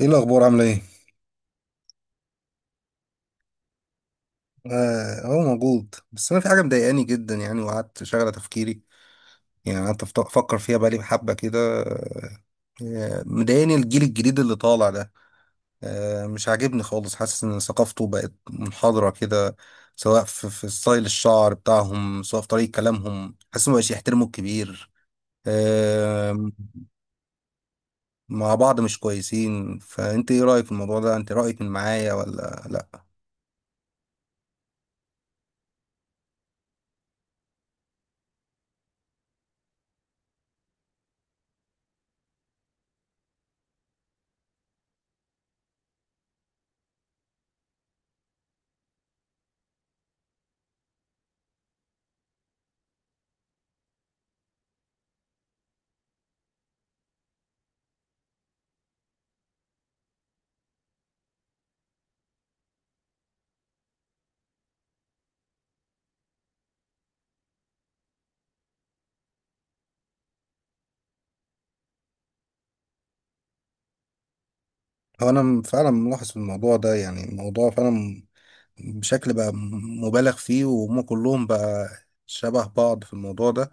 ايه الاخبار عامله ايه؟ هو موجود، بس انا في حاجه مضايقاني جدا يعني، وقعدت شغله تفكيري. يعني افكر فيها بقالي حبه كده. مضايقاني الجيل الجديد اللي طالع ده. مش عاجبني خالص، حاسس ان ثقافته بقت منحضره كده. سواء في ستايل الشعر بتاعهم، سواء في طريقه كلامهم، حاسس ما بقاش يحترموا الكبير آه، مع بعض، مش كويسين. فانت ايه رايك في الموضوع ده؟ انت رايك من معايا ولا لا؟ هو انا فعلا ملاحظ في الموضوع ده، يعني الموضوع فعلا بشكل بقى مبالغ فيه، وهم كلهم بقى شبه بعض في الموضوع ده.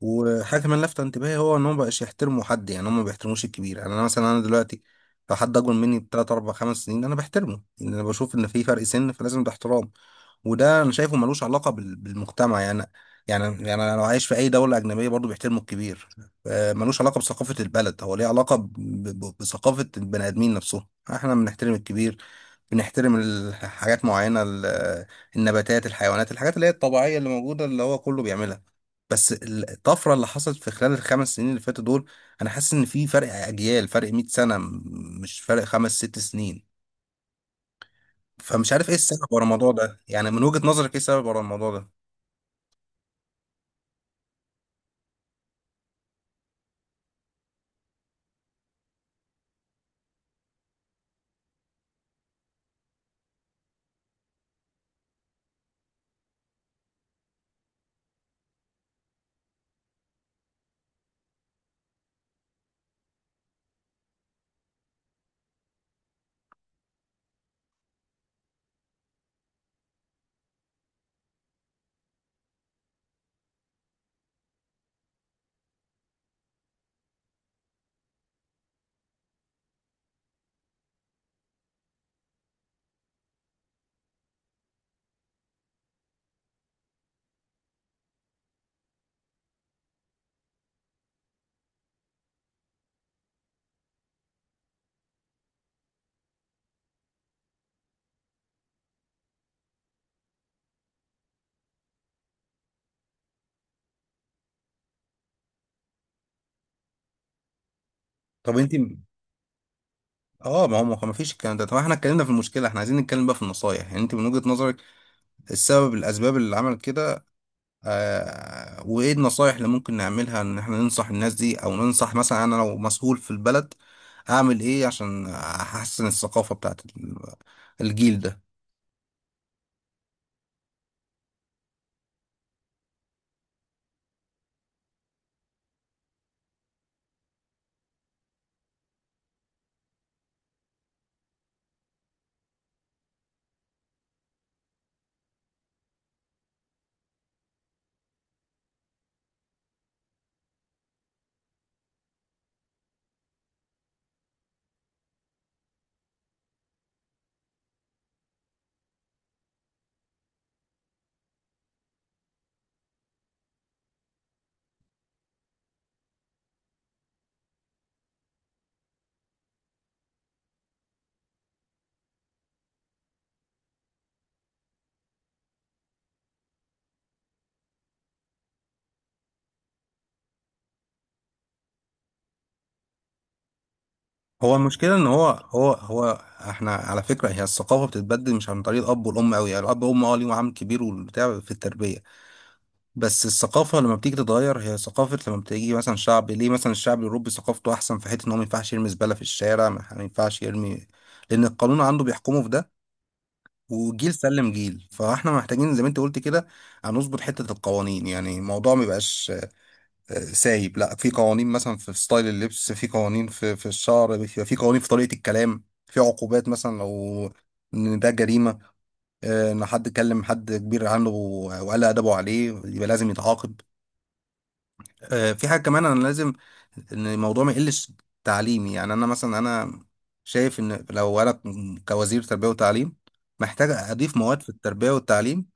وحاجة كمان لافتة انتباهي، هو ان هم مبقاش يحترموا حد. يعني هم ما بيحترموش الكبير. يعني انا مثلا، انا دلوقتي لو حد اكبر مني بتلات اربع خمس سنين، انا بحترمه، لان انا بشوف ان في فرق سن، فلازم ده احترام. وده انا شايفه ملوش علاقة بالمجتمع يعني. يعني انا لو عايش في اي دولة اجنبية برضو بيحترموا الكبير. ملوش علاقة بثقافة البلد، هو ليه علاقة بثقافة البني ادمين نفسهم. احنا بنحترم الكبير، بنحترم حاجات معينة، النباتات، الحيوانات، الحاجات اللي هي الطبيعية اللي موجودة اللي هو كله بيعملها. بس الطفرة اللي حصلت في خلال الخمس سنين اللي فاتوا دول، أنا حاسس إن في فرق أجيال، فرق 100 سنة، مش فرق خمس ست سنين. فمش عارف إيه السبب ورا الموضوع ده. يعني من وجهة نظرك إيه السبب ورا الموضوع ده؟ طب أنت، اه ما هو ما فيش الكلام ده. طب احنا اتكلمنا في المشكله، احنا عايزين نتكلم بقى في النصايح. يعني انت من وجهة نظرك السبب، الاسباب اللي عملت كده، وايه النصايح اللي ممكن نعملها ان احنا ننصح الناس دي، او ننصح مثلا، انا لو مسؤول في البلد اعمل ايه عشان احسن الثقافة بتاعت الجيل ده؟ هو المشكلة ان هو احنا على فكرة، هي الثقافة بتتبدل مش عن طريق الاب والام قوي. يعني الاب والام اه ليهم عامل كبير والبتاع في التربية، بس الثقافة لما بتيجي تتغير، هي ثقافة لما بتيجي مثلا شعب، ليه مثلا الشعب الاوروبي ثقافته احسن في حتة ان هو ما ينفعش يرمي زبالة في الشارع، ما ينفعش يرمي، لان القانون عنده بيحكمه في ده. وجيل سلم جيل، فاحنا محتاجين زي ما انت قلت كده هنظبط حتة القوانين. يعني الموضوع ما يبقاش سايب، لا، في قوانين مثلا في ستايل اللبس، في قوانين في الشعر، بيبقى في قوانين في طريقة الكلام، في عقوبات مثلا لو ان ده جريمة. ان حد كلم حد كبير عنه وقال ادبه عليه، يبقى لازم يتعاقب. في حاجة كمان أنا لازم إن الموضوع ما يقلش تعليمي. يعني أنا مثلا، أنا شايف إن لو أنا كوزير تربية وتعليم، محتاج أضيف مواد في التربية والتعليم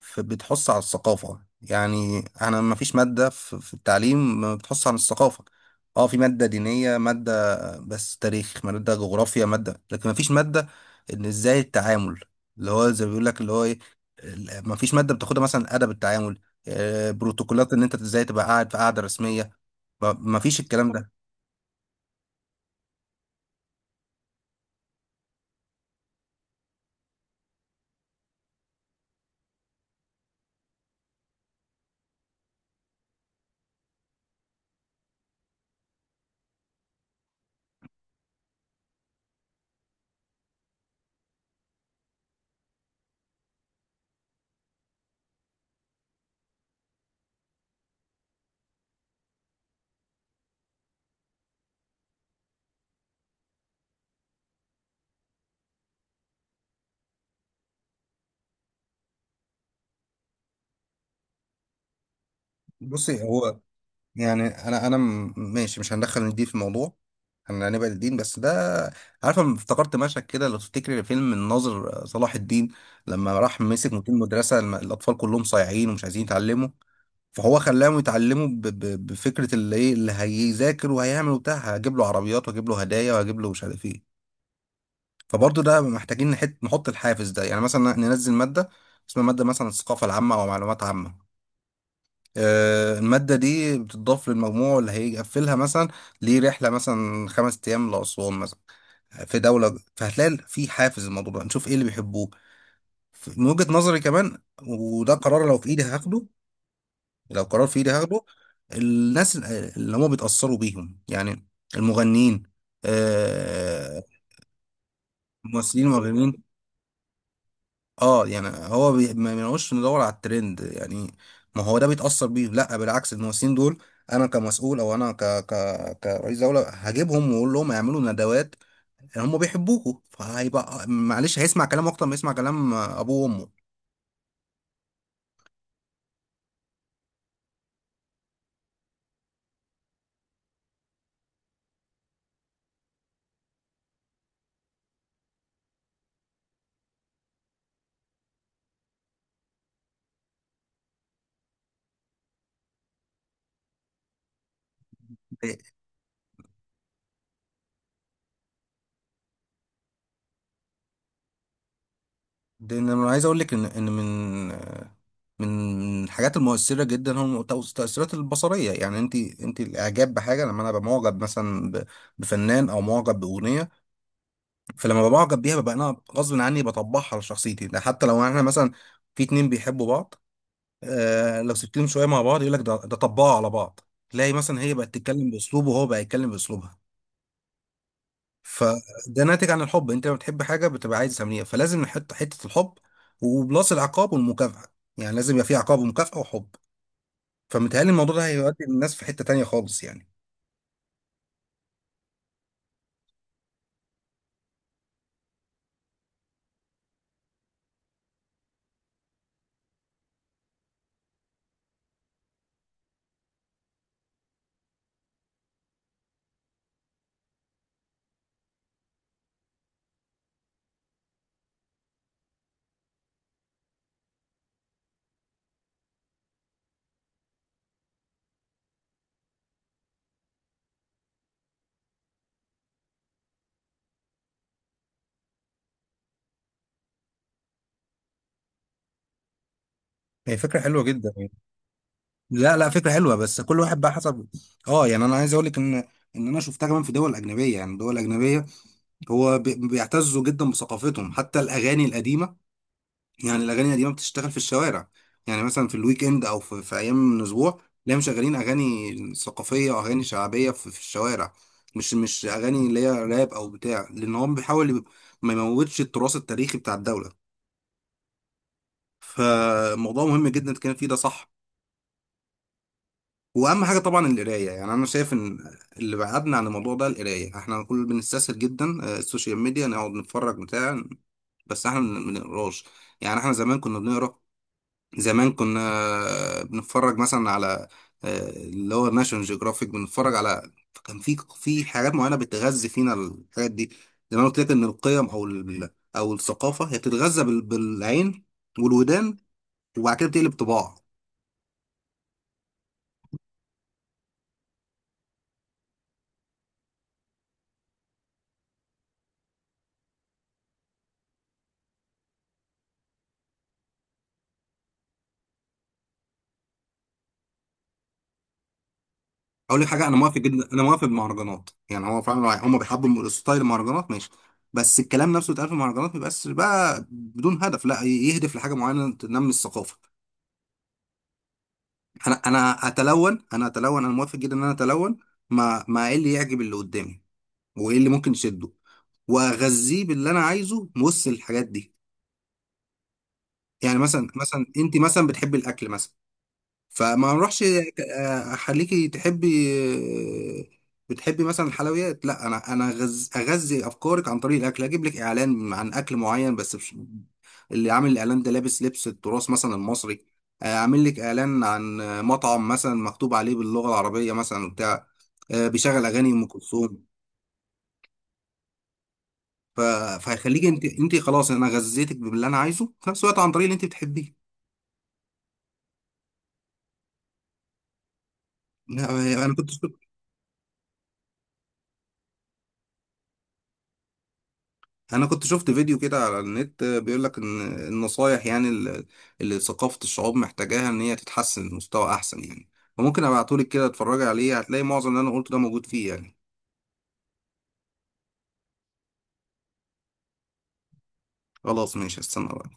بتحث على الثقافة. يعني أنا ما فيش مادة في التعليم ما بتحث عن الثقافة. أه، في مادة دينية، مادة بس تاريخ، مادة جغرافيا، مادة، لكن ما فيش مادة إن إزاي التعامل، اللي هو زي ما بيقول لك اللي هو إيه، ما فيش مادة بتاخدها مثلا أدب التعامل. بروتوكولات ان انت ازاي تبقى قاعد في قاعده رسميه. ما ما فيش الكلام ده. بصي، هو يعني انا ماشي، مش هندخل الدين في الموضوع، احنا هنبعد الدين، بس ده، عارفه، أنا افتكرت مشهد كده لو تفتكري، فيلم الناظر، صلاح الدين لما راح مسك مدير مدرسه، الاطفال كلهم صايعين ومش عايزين يتعلموا، فهو خلاهم يتعلموا بفكره اللي ايه اللي هيذاكر وهيعمل وبتاع، هجيب له عربيات واجيب له هدايا واجيب له مش عارف ايه. فبرضه ده محتاجين نحط الحافز ده. يعني مثلا ننزل مادة اسمها مادة مثلا الثقافة العامة أو معلومات عامة، المادة دي بتضاف للمجموع اللي هيقفلها مثلا ليه رحلة مثلا خمس أيام لأسوان مثلا في دولة، فهتلاقي في حافز. الموضوع ده نشوف إيه اللي بيحبوه، من وجهة نظري كمان، وده قرار لو في إيدي هاخده. لو قرار في إيدي هاخده، الناس اللي هم بيتأثروا بيهم يعني المغنيين، آه، ممثلين ومغنيين. اه يعني هو ما بنقولش ندور على الترند يعني، ما هو ده بيتأثر بيه. لا بالعكس، الممثلين دول انا كمسؤول او انا كرئيس دولة هجيبهم واقول لهم يعملوا ندوات. هم بيحبوكوا، فهيبقى معلش هيسمع كلام اكتر ما يسمع كلام ابوه وامه. ده انا عايز اقول لك ان ان من الحاجات المؤثرة جدا هو التأثيرات البصرية. يعني انت الاعجاب بحاجة، لما انا ببقى معجب مثلا بفنان او معجب بأغنية، فلما ببقى معجب بيها ببقى انا غصب عني بطبعها على شخصيتي. ده حتى لو احنا مثلا في اتنين بيحبوا بعض، آه لو سبت لهم شويه مع بعض يقول لك ده طبعوا على بعض، تلاقي مثلا هي بقت تتكلم باسلوبه وهو بقى يتكلم باسلوبها. فده ناتج عن الحب. انت لما بتحب حاجه بتبقى عايز تعمليها، فلازم نحط حته الحب وبلاس العقاب والمكافاه. يعني لازم يبقى في عقاب ومكافاه وحب. فمتهيألي الموضوع ده هيودي الناس في حته تانيه خالص يعني. هي فكره حلوه جدا. لا لا فكرة حلوة، بس كل واحد بقى حسب. اه يعني انا عايز اقول لك ان ان انا شفتها كمان في دول اجنبية. يعني دول اجنبية هو بيعتزوا جدا بثقافتهم، حتى الاغاني القديمة. يعني الاغاني القديمة بتشتغل في الشوارع. يعني مثلا في الويك اند او في ايام من الاسبوع، تلاقيهم مشغلين اغاني ثقافية واغاني شعبية في الشوارع. مش اغاني اللي هي راب او بتاع، لان هو بيحاول ما يموتش التراث التاريخي بتاع الدولة. فموضوع مهم جدا كان فيه ده، صح. واهم حاجه طبعا القرايه. يعني انا شايف ان اللي بعدنا عن الموضوع ده القرايه. احنا كل بنستسهل جدا، السوشيال ميديا نقعد نتفرج بتاع، بس احنا ما بنقراش. يعني احنا زمان كنا بنقرا، زمان كنا بنتفرج مثلا على، اللي هو ناشونال جيوغرافيك، بنتفرج على، كان في حاجات معينه بتغذي فينا الحاجات دي. زي ما أنا قلت لك ان القيم او او الثقافه هي بتتغذى بالعين والودان، وبعد كده بتقلب طباع. اقول لك حاجه، انا موافق جدا، انا موافق بالمهرجانات. يعني هو فعلا هم بيحبوا ستايل المهرجانات، ماشي، بس الكلام نفسه اتقال، في المهرجانات ما يبقاش بقى بدون هدف، لا، يهدف لحاجه معينه تنمي الثقافه. انا موافق جدا ان انا اتلون. ما ايه اللي يعجب اللي قدامي وايه اللي ممكن يشده، واغذيه باللي انا عايزه وسط الحاجات دي. يعني مثلا انت مثلا بتحبي الاكل مثلا، فما نروحش اخليكي تحبي، آه، بتحبي مثلا الحلويات، لا انا اغذي افكارك عن طريق الاكل، اجيب لك اعلان عن اكل معين، بس مش، اللي عامل الاعلان ده لابس لبس التراث مثلا المصري. اعمل لك اعلان عن مطعم مثلا مكتوب عليه باللغه العربيه مثلا بتاع، بيشغل اغاني ام كلثوم. ف... فهيخليك انت خلاص، انا غذيتك باللي انا عايزه في نفس الوقت عن طريق اللي انت بتحبيه. آه، انا كنت انا كنت شفت فيديو كده على النت بيقول لك ان النصايح يعني اللي ثقافة الشعوب محتاجاها ان هي تتحسن لمستوى احسن يعني. فممكن ابعتهولك كده اتفرجي عليه، هتلاقي معظم اللي انا قلته ده موجود فيه يعني. خلاص ماشي، هستنى بقى.